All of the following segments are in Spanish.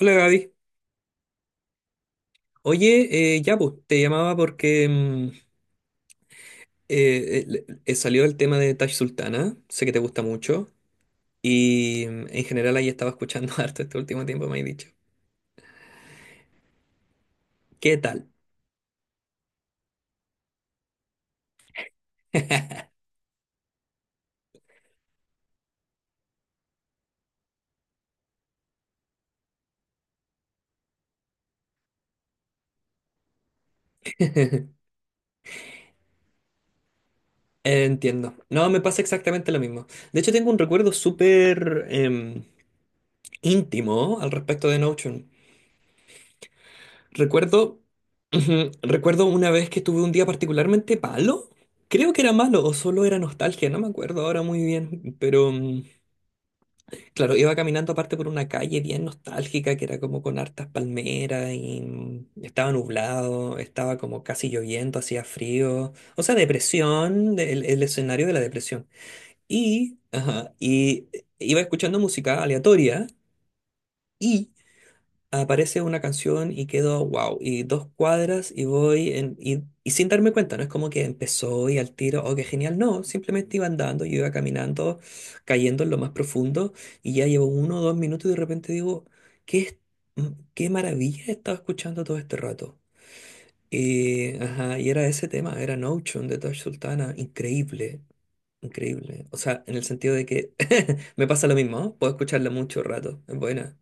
Hola Gaby. Oye, ya pues, te llamaba porque salió el tema de Tash Sultana, sé que te gusta mucho y en general ahí estaba escuchando harto este último tiempo, me has dicho. ¿Qué tal? Entiendo. No, me pasa exactamente lo mismo. De hecho, tengo un recuerdo súper íntimo al respecto de Notion. Recuerdo, recuerdo una vez que tuve un día particularmente malo. Creo que era malo o solo era nostalgia, no me acuerdo ahora muy bien, Claro, iba caminando aparte por una calle bien nostálgica que era como con hartas palmeras y estaba nublado, estaba como casi lloviendo, hacía frío, o sea, depresión, el escenario de la depresión. Iba escuchando música aleatoria y aparece una canción y quedo wow, y dos cuadras y voy en, y sin darme cuenta, no es como que empezó y al tiro, oh, qué genial, no, simplemente iba andando, yo iba caminando, cayendo en lo más profundo y ya llevo uno o dos minutos y de repente digo, qué, es- mm, qué maravilla he estado escuchando todo este rato. Y era ese tema, era Notion de Tosh Sultana, increíble, increíble. O sea, en el sentido de que me pasa lo mismo, ¿no? Puedo escucharla mucho rato, es buena.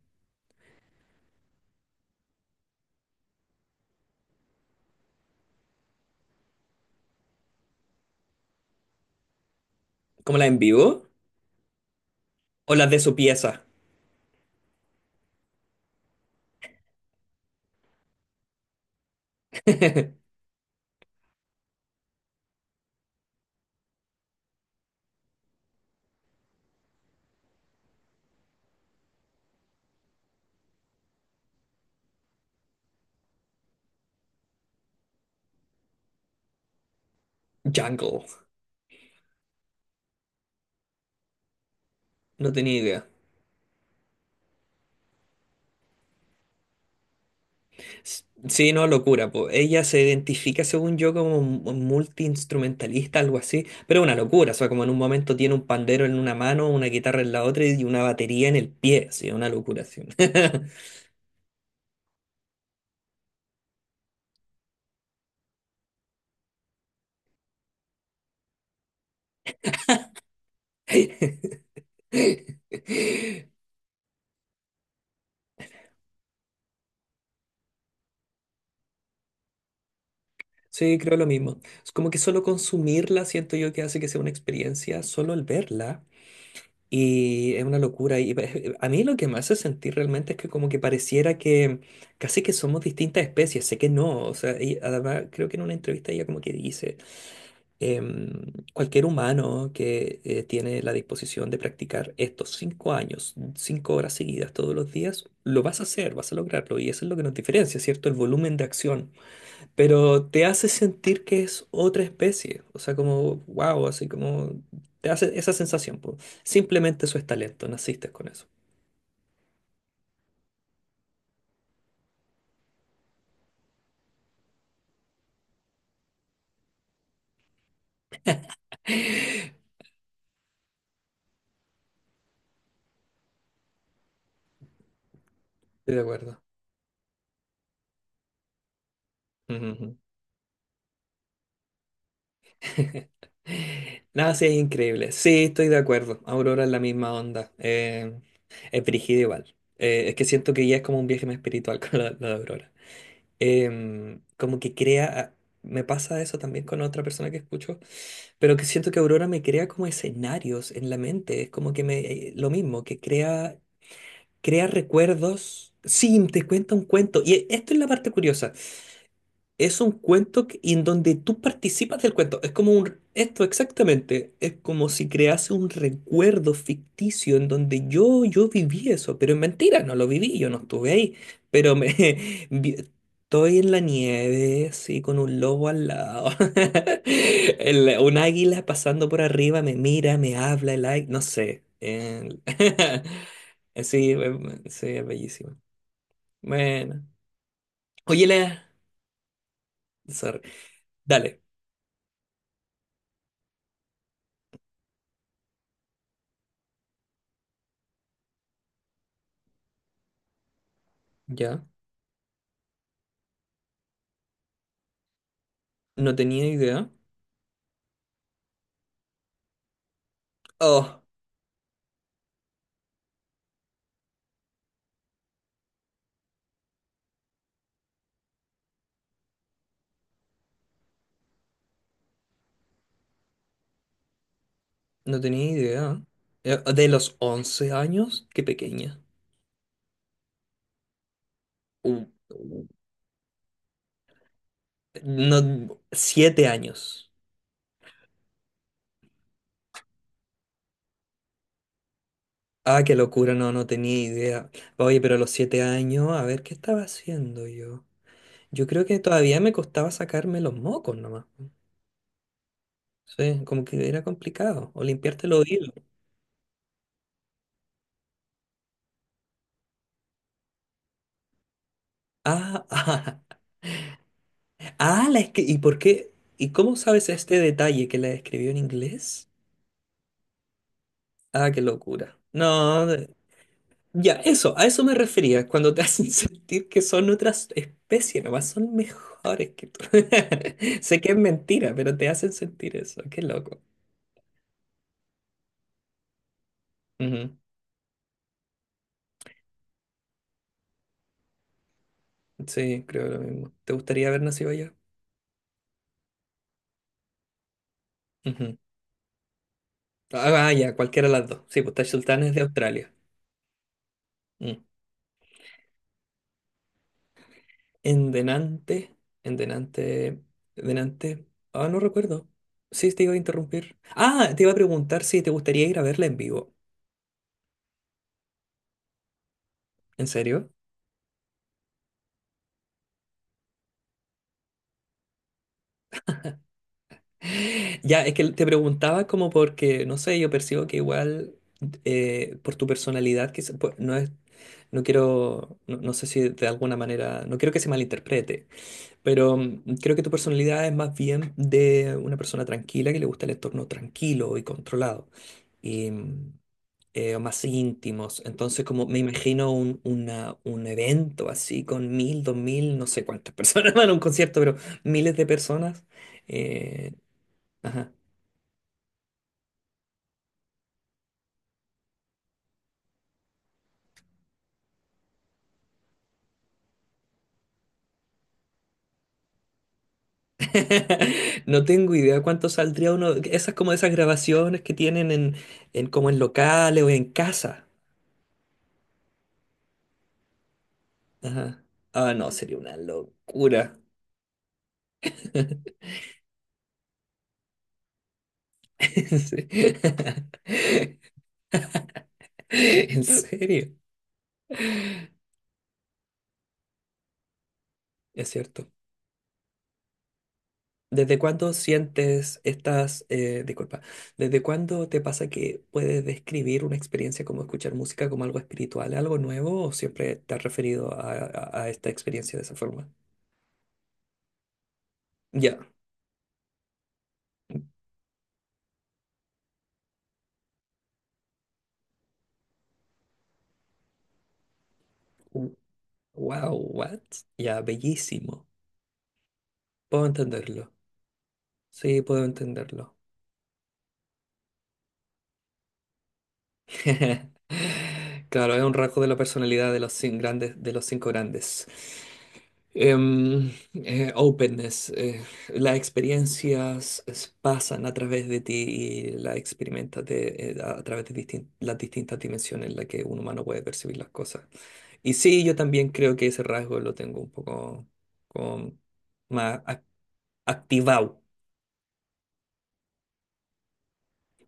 ¿Como la en vivo? ¿O las de su pieza? Jungle, no tenía idea. Sí, no, locura, po. Ella se identifica, según yo, como multiinstrumentalista, algo así, pero una locura, o sea, como en un momento tiene un pandero en una mano, una guitarra en la otra y una batería en el pie, sí, una locura, sí. Sí, creo lo mismo. Es como que solo consumirla siento yo que hace que sea una experiencia, solo el verla. Y es una locura. A mí lo que me hace sentir realmente es que como que pareciera que casi que somos distintas especies. Sé que no. O sea, y además creo que en una entrevista ella como que dice, em, cualquier humano que tiene la disposición de practicar estos 5 años, 5 horas seguidas todos los días, lo vas a hacer, vas a lograrlo. Y eso es lo que nos diferencia, ¿cierto? El volumen de acción, pero te hace sentir que es otra especie, o sea, como, wow, así como, te hace esa sensación, po. Simplemente eso es talento, naciste con eso. Estoy de acuerdo. Ujú. Nada, sí, es increíble. Sí, estoy de acuerdo. Aurora es la misma onda. Es brígido igual. Es que siento que ya es como un viaje más espiritual con la de Aurora. Como que crea, me pasa eso también con otra persona que escucho, pero que siento que Aurora me crea como escenarios en la mente, es como que me, lo mismo, que crea, crea recuerdos, sí, te cuenta un cuento, esto es la parte curiosa. Es un en donde tú participas del cuento. Es como un... esto exactamente. Es como si crease un recuerdo ficticio en donde yo viví eso. Pero es mentira, no lo viví, yo no estuve ahí. Pero me... vi- Estoy en la nieve, sí, con un lobo al lado. Un águila pasando por arriba me mira, me habla, no sé. Sí, sí, es bellísimo. Bueno. Oye, Lea. Sorry. Dale. Ya. No tenía idea. Oh, no tenía idea. De los 11 años, qué pequeña. Uh, uh, No, 7 años. Ah, qué locura, no, no tenía idea. Oye, pero a los 7 años, a ver, ¿qué estaba haciendo yo? Yo creo que todavía me costaba sacarme los mocos nomás. Sí, como que era complicado. O limpiarte los oídos. Ah, ah, ah, ¿y por qué? ¿Y cómo sabes este detalle que la escribió en inglés? Ah, qué locura. No, ya, eso, a eso me refería, cuando te hacen sentir que son otras especies, nomás son mejores que tú. Sé que es mentira, pero te hacen sentir eso, qué loco. Ujú. Sí, creo lo mismo. ¿Te gustaría haber nacido allá? Ujú. Ah, ah, ya, cualquiera de las dos. Sí, pues Taj Sultan es de Australia. Mm. En Denante, en Denante, Denante. Ah, no recuerdo. Sí, te iba a interrumpir. Ah, te iba a preguntar si te gustaría ir a verla en vivo. ¿En serio? Ya, es que te preguntaba como porque, no sé, yo percibo que igual por tu personalidad, pues, no quiero, no, no sé si de alguna manera, no quiero que se malinterprete, pero creo que tu personalidad es más bien de una persona tranquila que le gusta el entorno tranquilo y controlado y más íntimos. Entonces, como me imagino un evento así con 1.000, 2.000, no sé cuántas personas van a un concierto, pero miles de personas. eh, ajá. No tengo idea cuánto saldría uno. Esas como esas grabaciones que tienen en como en locales o en casa. Ajá. Ah, no, sería una locura. Sí. En serio, es cierto. ¿Desde cuándo sientes estas, disculpa, desde cuándo te pasa que puedes describir una experiencia como escuchar música como algo espiritual, algo nuevo, o siempre te has referido a esta experiencia de esa forma? Ya. Wow, what? Ya, bellísimo. Puedo entenderlo. Sí, puedo entenderlo. Claro, es un rasgo de la personalidad de los grandes, de los cinco grandes. Openness. Las pasan a través de ti y las experimentas de- a través de distin- las distintas dimensiones en las que un humano puede percibir las cosas. Y sí, yo también creo que ese rasgo lo tengo un poco como más activado.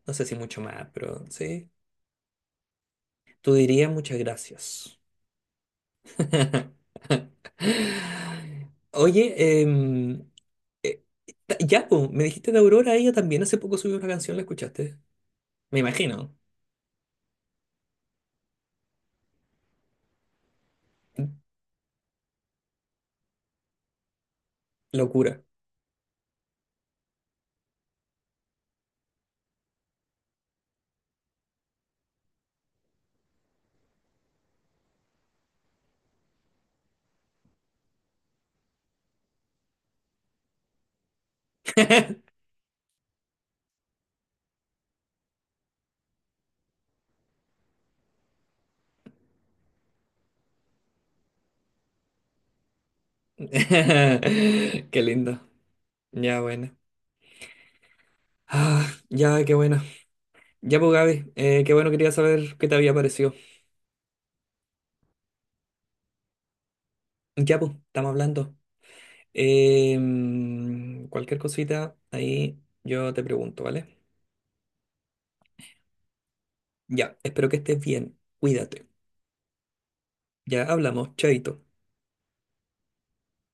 No sé si mucho más, pero sí. Tú dirías muchas gracias. Oye, em, eh, ya, po, me dijiste de Aurora, ella también hace poco subió una canción, ¿la escuchaste? Me imagino. Locura. Qué lindo. Ya, bueno. Ah, ya, qué bueno. Ya, pues, Gaby, qué bueno, quería saber qué te había parecido. Ya, pues, estamos hablando. Cualquier cosita, ahí yo te pregunto, ¿vale? Ya, espero que estés bien. Cuídate. Ya hablamos, chaito.